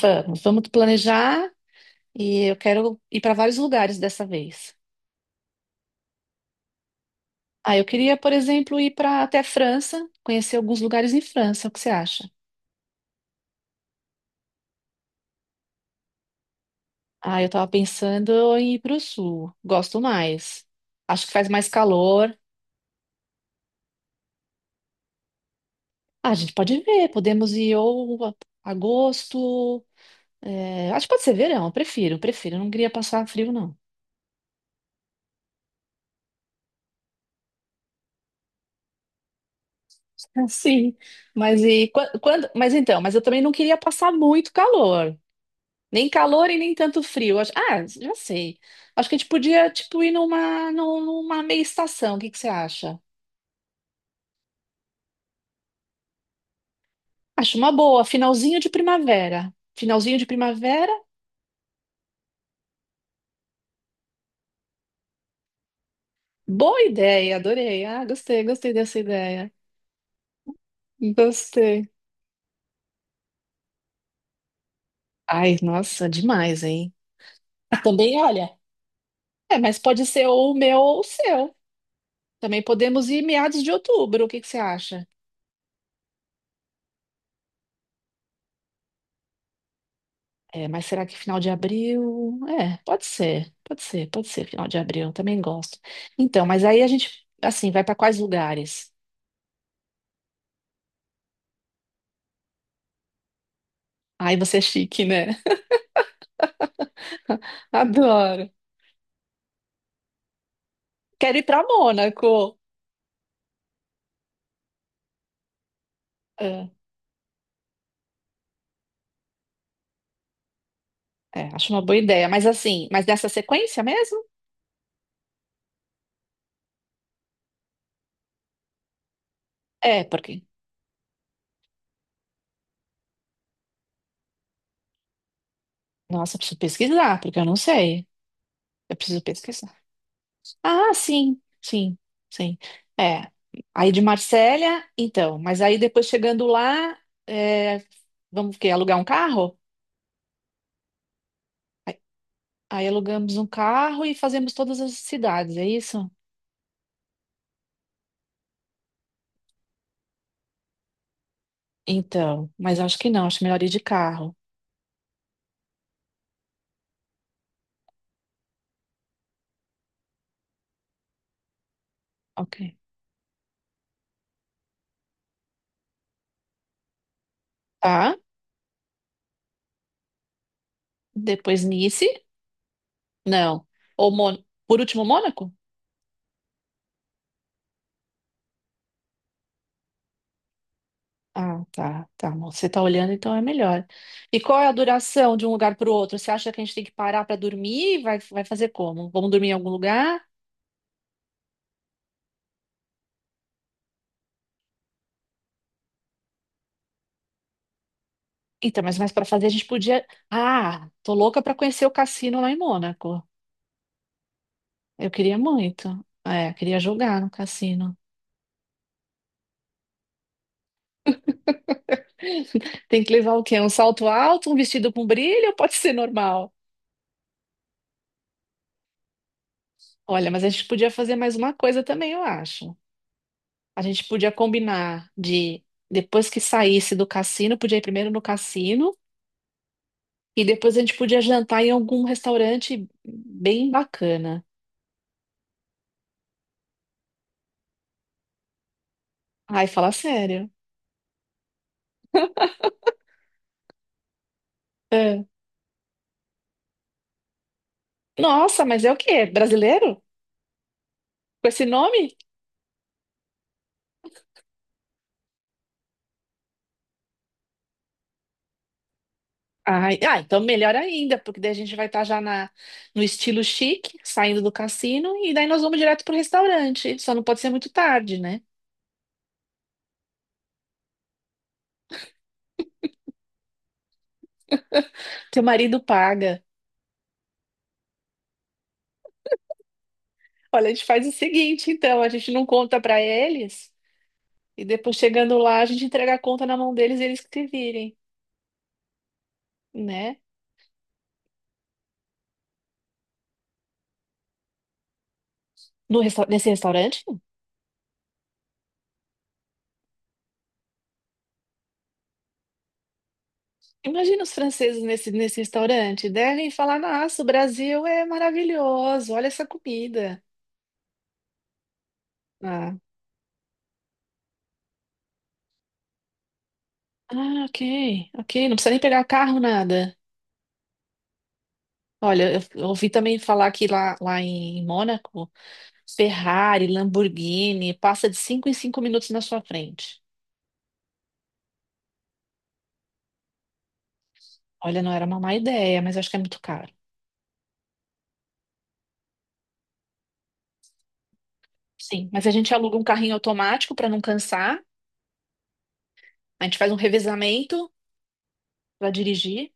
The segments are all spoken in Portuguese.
Vamos, vamos planejar e eu quero ir para vários lugares dessa vez. Ah, eu queria, por exemplo, ir para até a França, conhecer alguns lugares em França. O que você acha? Ah, eu estava pensando em ir para o sul. Gosto mais. Acho que faz mais calor. Ah, a gente pode ver. Podemos ir ou agosto. É, acho que pode ser verão. Eu prefiro, prefiro. Eu não queria passar frio, não. Ah, sim, mas e quando? Mas então, mas eu também não queria passar muito calor. Nem calor e nem tanto frio. Ah, já sei. Acho que a gente podia, tipo, ir numa, numa meia estação. O que que você acha? Acho uma boa. Finalzinho de primavera. Finalzinho de primavera. Boa ideia, adorei. Ah, gostei, gostei dessa ideia. Gostei. Ai, nossa, demais, hein? Também, olha. É, mas pode ser ou o meu ou o seu. Também podemos ir meados de outubro. O que que você acha? É, mas será que final de abril? É, pode ser, pode ser, pode ser final de abril, eu também gosto. Então, mas aí a gente, assim, vai para quais lugares? Aí você é chique, né? Adoro. Quero ir para Mônaco. É, é, acho uma boa ideia, mas assim, mas nessa sequência mesmo? É, porque, nossa, eu preciso pesquisar, porque eu não sei. Eu preciso pesquisar. Ah, sim, sim, sim. É, aí de Marsella, então, mas aí depois chegando lá, é, vamos o quê? Alugar um carro? Aí alugamos um carro e fazemos todas as cidades, é isso? Então, mas acho que não, acho melhor ir de carro. Ok. Tá? Depois Nice? Não. Ou Mon... Por último, Mônaco? Ah, tá, tá, amor. Você tá olhando, então é melhor. E qual é a duração de um lugar para o outro? Você acha que a gente tem que parar para dormir? Vai, vai fazer como? Vamos dormir em algum lugar? Então, mas mais para fazer a gente podia. Ah, tô louca para conhecer o cassino lá em Mônaco. Eu queria muito. É, queria jogar no cassino. Tem que levar o quê? Um salto alto, um vestido com brilho ou pode ser normal? Olha, mas a gente podia fazer mais uma coisa também, eu acho. A gente podia combinar de, depois que saísse do cassino, podia ir primeiro no cassino e depois a gente podia jantar em algum restaurante bem bacana. Ai, fala sério. É. Nossa, mas é o quê? Brasileiro? Com esse nome? Ai, ah, então melhor ainda, porque daí a gente vai estar já na, no estilo chique, saindo do cassino, e daí nós vamos direto pro restaurante. Só não pode ser muito tarde, né? Teu marido paga. Olha, a gente faz o seguinte, então, a gente não conta pra eles, e depois chegando lá, a gente entrega a conta na mão deles e eles que se virem, né? No nesse restaurante? Imagina os franceses nesse, restaurante. Devem falar, nossa, o Brasil é maravilhoso, olha essa comida. Ah, ah, ok, ok, não precisa nem pegar carro, nada. Olha, eu ouvi também falar que lá, em Mônaco, Ferrari, Lamborghini, passa de 5 em 5 minutos na sua frente. Olha, não era uma má ideia, mas acho que é muito caro. Sim, mas a gente aluga um carrinho automático para não cansar, a gente faz um revezamento para dirigir.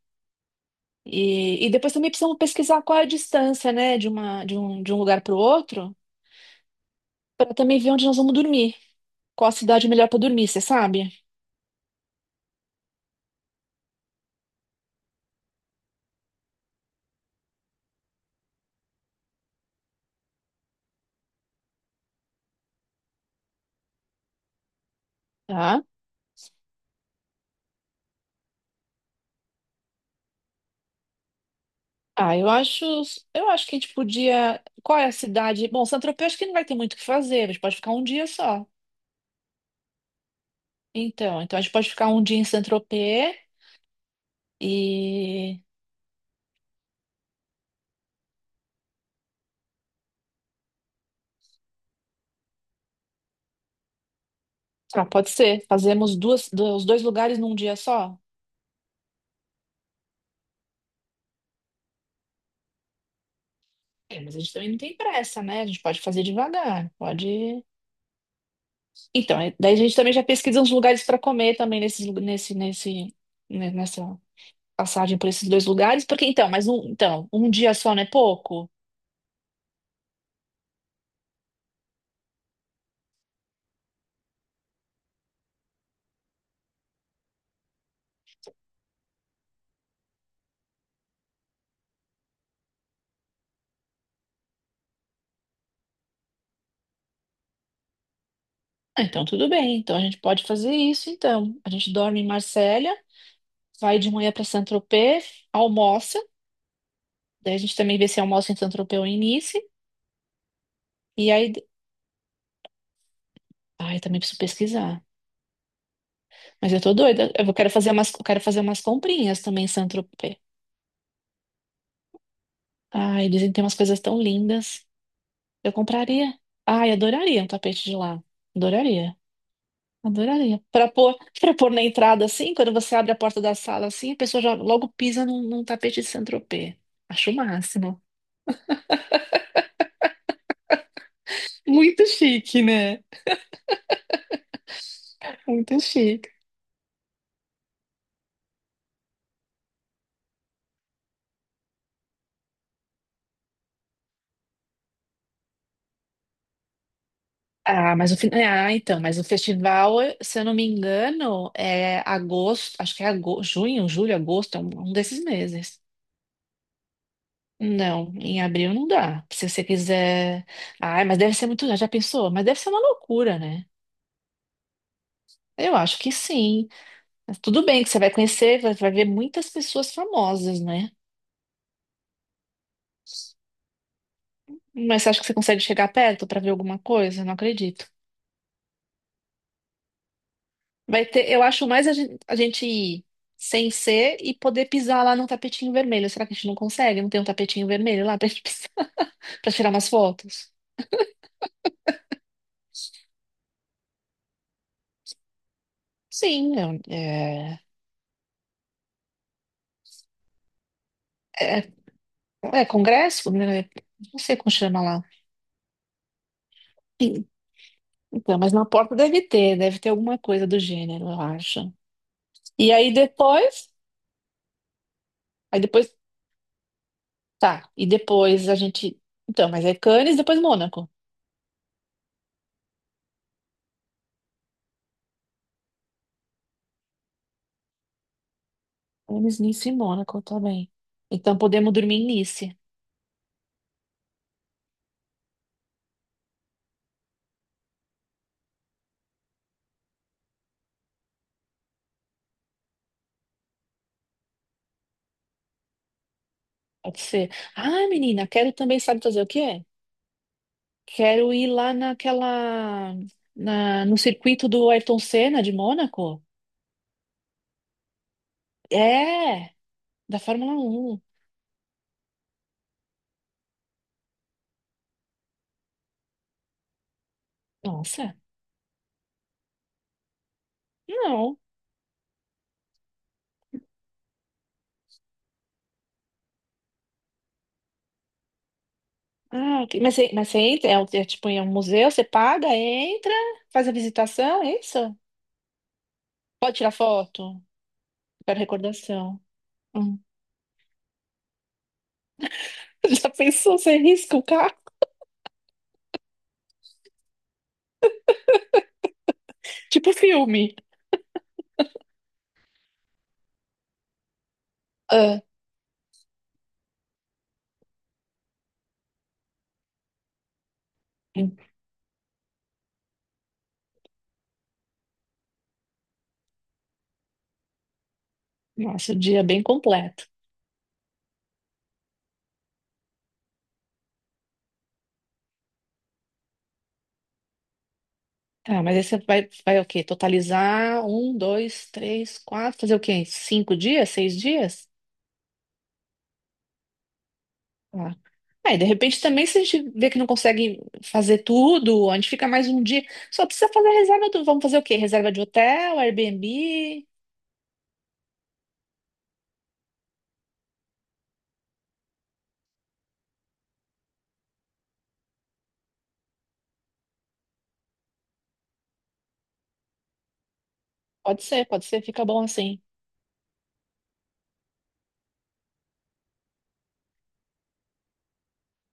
E depois também precisamos pesquisar qual é a distância, né, de um lugar para o outro, para também ver onde nós vamos dormir. Qual a cidade melhor para dormir, você sabe? Tá? Ah, eu acho que a gente podia. Qual é a cidade? Bom, Saint-Tropez acho que não vai ter muito o que fazer, a gente pode ficar um dia só. Então, a gente pode ficar um dia em Saint-Tropez e. Ah, pode ser. Fazemos duas, os dois lugares num dia só? É, mas a gente também não tem pressa, né? A gente pode fazer devagar, pode. Então, daí a gente também já pesquisa uns lugares para comer também nesses, nesse, né, nessa passagem por esses dois lugares, porque então, mas um, então, um dia só não é pouco? Ah, então, tudo bem. Então, a gente pode fazer isso, então. A gente dorme em Marsella, vai de manhã para Saint-Tropez, almoça. Daí a gente também vê se almoça em Saint-Tropez ou em Nice. E aí... Ai, também preciso pesquisar. Mas eu tô doida. Eu quero fazer umas comprinhas também em Saint-Tropez. Ai, dizem que tem umas coisas tão lindas. Eu compraria. Ai, adoraria um tapete de lá. Adoraria. Adoraria. Para pôr, para pôr na entrada, assim, quando você abre a porta da sala, assim, a pessoa já logo pisa num tapete de Saint-Tropez. Acho o máximo. Muito chique, né? Muito chique. Ah, mas o então, mas o festival, se eu não me engano, é agosto, acho que é agosto, junho, julho, agosto, é um desses meses. Não, em abril não dá. Se você quiser. Ai, mas deve ser muito. Já pensou? Mas deve ser uma loucura, né? Eu acho que sim. Mas tudo bem que você vai conhecer, vai, vai ver muitas pessoas famosas, né? Mas você acha que você consegue chegar perto para ver alguma coisa? Não acredito. Vai ter, eu acho mais a gente, ir sem ser e poder pisar lá num tapetinho vermelho. Será que a gente não consegue? Não tem um tapetinho vermelho lá pra gente pisar, pra tirar umas fotos? Sim, é, é, é- é congresso, né? Não sei como chama lá. Sim, então, mas na porta deve ter, alguma coisa do gênero, eu acho. E aí depois, aí depois, tá, e depois a gente, então, mas é Cannes, depois Mônaco. Cannes, Nice e Mônaco, tá bem. Então podemos dormir em Nice. Pode ser. Ah, menina, quero também, sabe fazer o quê? Quero ir lá no circuito do Ayrton Senna de Mônaco. É, da Fórmula 1. Nossa, não. Ah, ok. Mas você entra, é, é tipo em um museu, você paga, entra, faz a visitação, é isso? Pode tirar foto? Quero recordação. Hum. Já pensou, você risca o carro? Tipo filme. Ah, nossa, o dia é bem completo. Tá, mas aí você vai, vai o quê? Totalizar um, dois, três, quatro, fazer o quê? 5 dias, 6 dias? Tá. Aí, de repente, também, se a gente vê que não consegue fazer tudo, a gente fica mais um dia. Só precisa fazer a reserva do. Vamos fazer o quê? Reserva de hotel, Airbnb? Pode ser, fica bom assim.